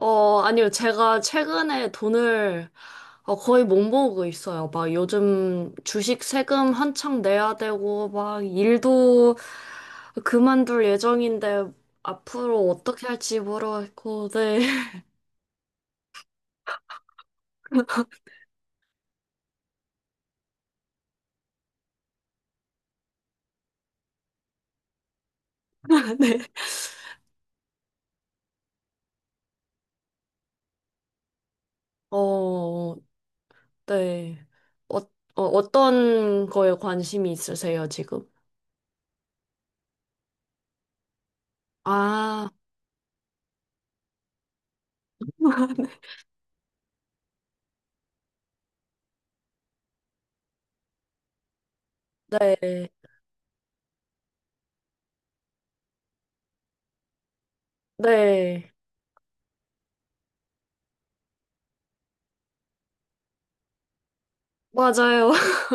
아니요. 제가 최근에 돈을 거의 못 모으고 있어요. 막 요즘 주식 세금 한창 내야 되고, 막 일도 그만둘 예정인데, 앞으로 어떻게 할지 모르겠고, 네. 네. 어, 네. 어, 어, 어떤 거에 관심이 있으세요, 지금? 아, 네. 네. 맞아요.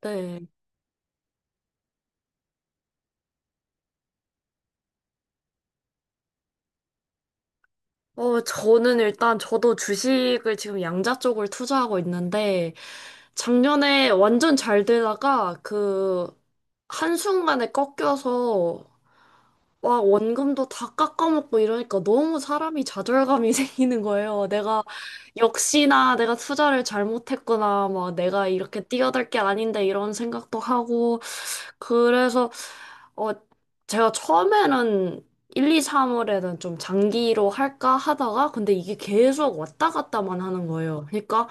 네. 저는 일단 저도 주식을 지금 양자 쪽을 투자하고 있는데, 작년에 완전 잘 되다가 그 한순간에 꺾여서 와, 원금도 다 깎아먹고 이러니까 너무 사람이 좌절감이 생기는 거예요. 내가 역시나 내가 투자를 잘못했구나. 막 내가 이렇게 뛰어들 게 아닌데 이런 생각도 하고 그래서 어 제가 처음에는 1, 2, 3월에는 좀 장기로 할까 하다가 근데 이게 계속 왔다 갔다만 하는 거예요. 그러니까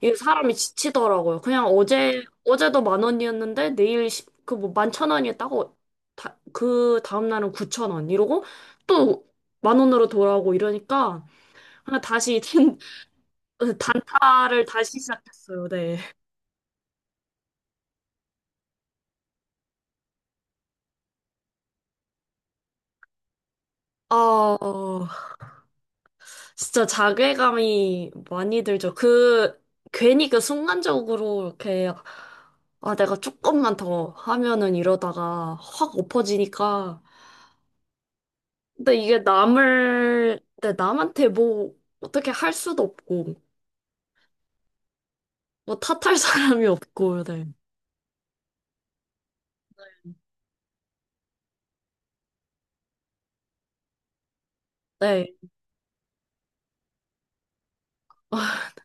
이게 사람이 지치더라고요. 그냥 어제도 만 원이었는데 내일 그뭐 만 천 원이었다고 그 다음 날은 9,000원 이러고 또 만 원으로 돌아오고 이러니까 그냥 다시 단타를 다시 시작했어요. 네. 아, 어. 진짜 자괴감이 많이 들죠. 그, 괜히 그 순간적으로 이렇게, 아, 내가 조금만 더 하면은 이러다가 확 엎어지니까. 근데 이게 남을, 네, 남한테 뭐, 어떻게 할 수도 없고, 뭐 탓할 사람이 없고, 네. 네,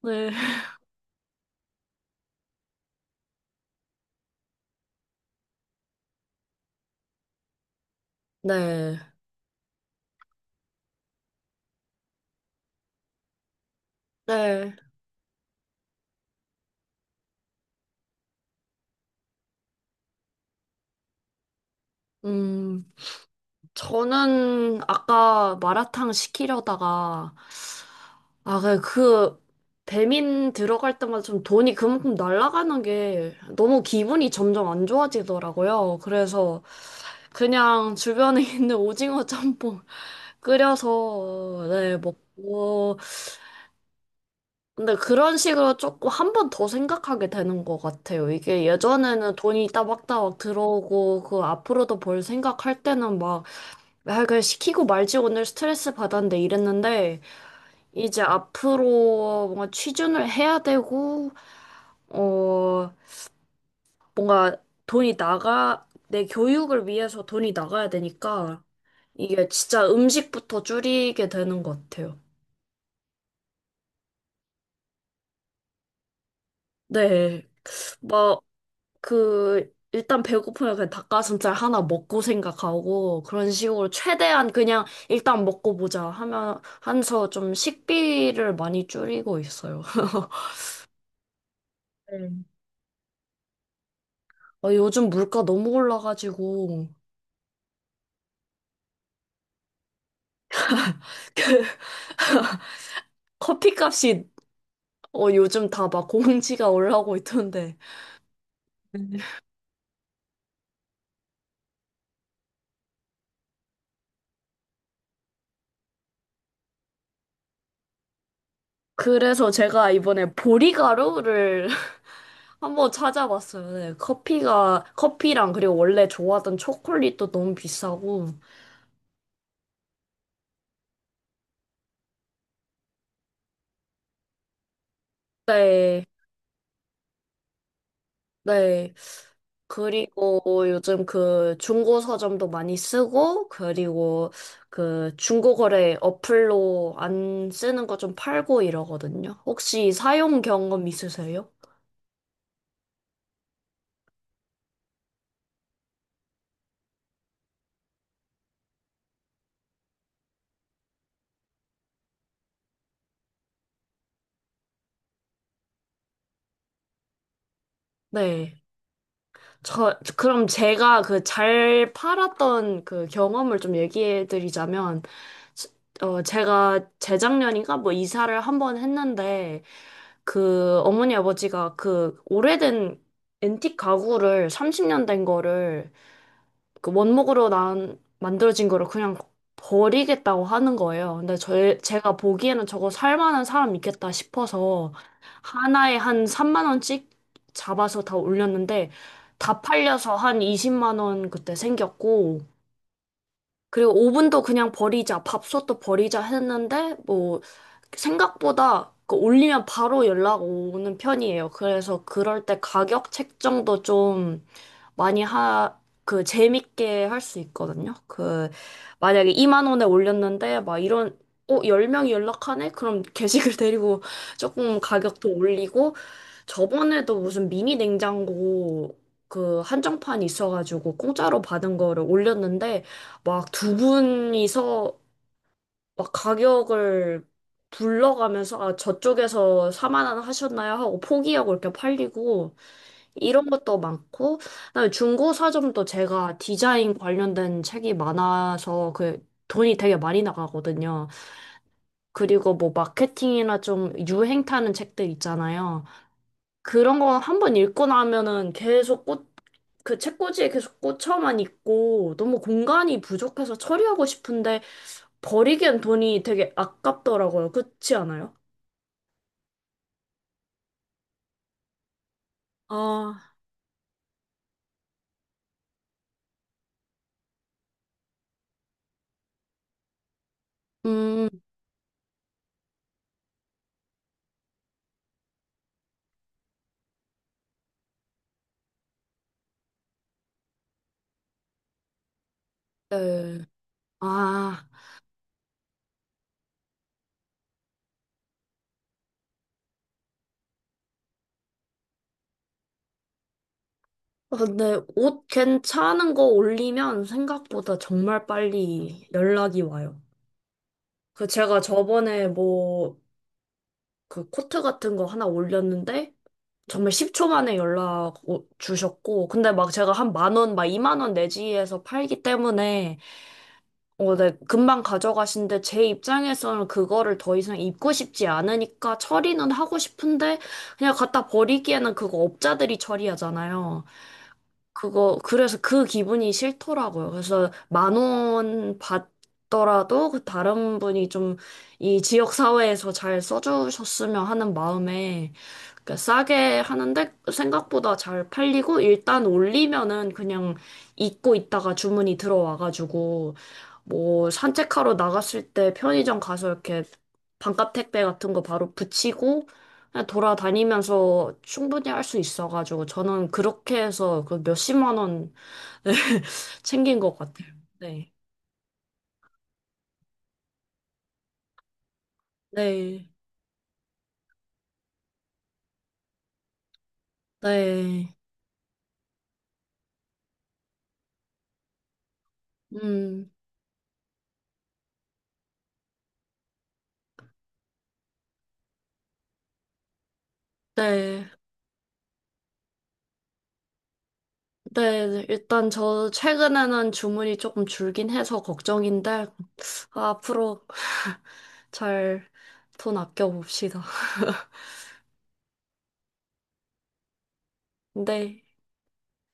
네, 네, 네. 음, 저는 아까 마라탕 시키려다가, 아, 그 배민 들어갈 때마다 좀 돈이 그만큼 날아가는 게 너무 기분이 점점 안 좋아지더라고요. 그래서 그냥 주변에 있는 오징어 짬뽕 끓여서, 네, 먹고. 근데 그런 식으로 조금 한 번 더 생각하게 되는 것 같아요. 이게 예전에는 돈이 따박따박 들어오고, 그 앞으로도 벌 생각할 때는 막, 아, 그냥 시키고 말지 오늘 스트레스 받았는데 이랬는데, 이제 앞으로 뭔가 취준을 해야 되고, 어, 뭔가 내 교육을 위해서 돈이 나가야 되니까 이게 진짜 음식부터 줄이게 되는 것 같아요. 네. 막, 그, 일단 배고프면 그냥 닭가슴살 하나 먹고 생각하고 그런 식으로 최대한 그냥 일단 먹고 보자 하면서 좀 식비를 많이 줄이고 있어요. 네. 요즘 물가 너무 올라가지고 커피값이 요즘 다 막 공지가 올라오고 있던데. 그래서 제가 이번에 보리가루를 한번 찾아봤어요. 네, 커피랑 그리고 원래 좋아하던 초콜릿도 너무 비싸고. 네, 네. 그리고 요즘 그 중고 서점도 많이 쓰고, 그리고 그 중고 거래 어플로 안 쓰는 거 좀 팔고 이러거든요. 혹시 사용 경험 있으세요? 네. 저, 그럼 제가 그 잘 팔았던 그 경험을 좀 얘기해 드리자면, 제가 재작년인가 뭐 이사를 한 번 했는데, 그 어머니 아버지가 그 오래된 앤틱 가구를 30년 된 거를 그 원목으로 난 만들어진 거를 그냥 버리겠다고 하는 거예요. 근데 제가 보기에는 저거 살 만한 사람 있겠다 싶어서 하나에 한 3만 원씩 잡아서 다 올렸는데 다 팔려서 한 20만 원 그때 생겼고 그리고 오븐도 그냥 버리자, 밥솥도 버리자 했는데, 뭐, 생각보다 그 올리면 바로 연락 오는 편이에요. 그래서 그럴 때 가격 책정도 좀 많이 하, 그 재밌게 할 수 있거든요. 그, 만약에 2만 원에 올렸는데, 막 이런, 10명이 연락하네? 그럼 게시글 데리고 조금 가격도 올리고, 저번에도 무슨 미니 냉장고 그 한정판 있어가지고 공짜로 받은 거를 올렸는데, 막 두 분이서 막 가격을 불러가면서 아, 저쪽에서 4만 원 하셨나요? 하고 포기하고 이렇게 팔리고 이런 것도 많고 그다음에 중고 서점도 제가 디자인 관련된 책이 많아서 그 돈이 되게 많이 나가거든요. 그리고 뭐 마케팅이나 좀 유행 타는 책들 있잖아요. 그런 거 한 번 읽고 나면은 계속 그 책꽂이에 계속 꽂혀만 있고 너무 공간이 부족해서 처리하고 싶은데 버리기엔 돈이 되게 아깝더라고요. 그렇지 않아요? 아, 음, 네. 아, 근데 옷 괜찮은 거 올리면 생각보다 정말 빨리 연락이 와요. 그 제가 저번에 뭐 그 코트 같은 거 하나 올렸는데 정말 10초 만에 연락 주셨고, 근데 막 제가 한 만 원, 막 2만 원 내지에서 팔기 때문에, 네, 금방 가져가신데, 제 입장에서는 그거를 더 이상 입고 싶지 않으니까 처리는 하고 싶은데, 그냥 갖다 버리기에는 그거 업자들이 처리하잖아요. 그래서 그 기분이 싫더라고요. 그래서 만원 받더라도 그 다른 분이 좀 이 지역 사회에서 잘 써주셨으면 하는 마음에 그러니까 싸게 하는데 생각보다 잘 팔리고 일단 올리면은 그냥 잊고 있다가 주문이 들어와가지고 뭐 산책하러 나갔을 때 편의점 가서 이렇게 반값 택배 같은 거 바로 붙이고 돌아다니면서 충분히 할 수 있어가지고 저는 그렇게 해서 그 몇십만 원 챙긴 것 같아요. 네. 네. 네. 음. 네. 네. 일단 저 최근에는 주문이 조금 줄긴 해서 걱정인데 앞으로 잘 돈 아껴봅시다. 네.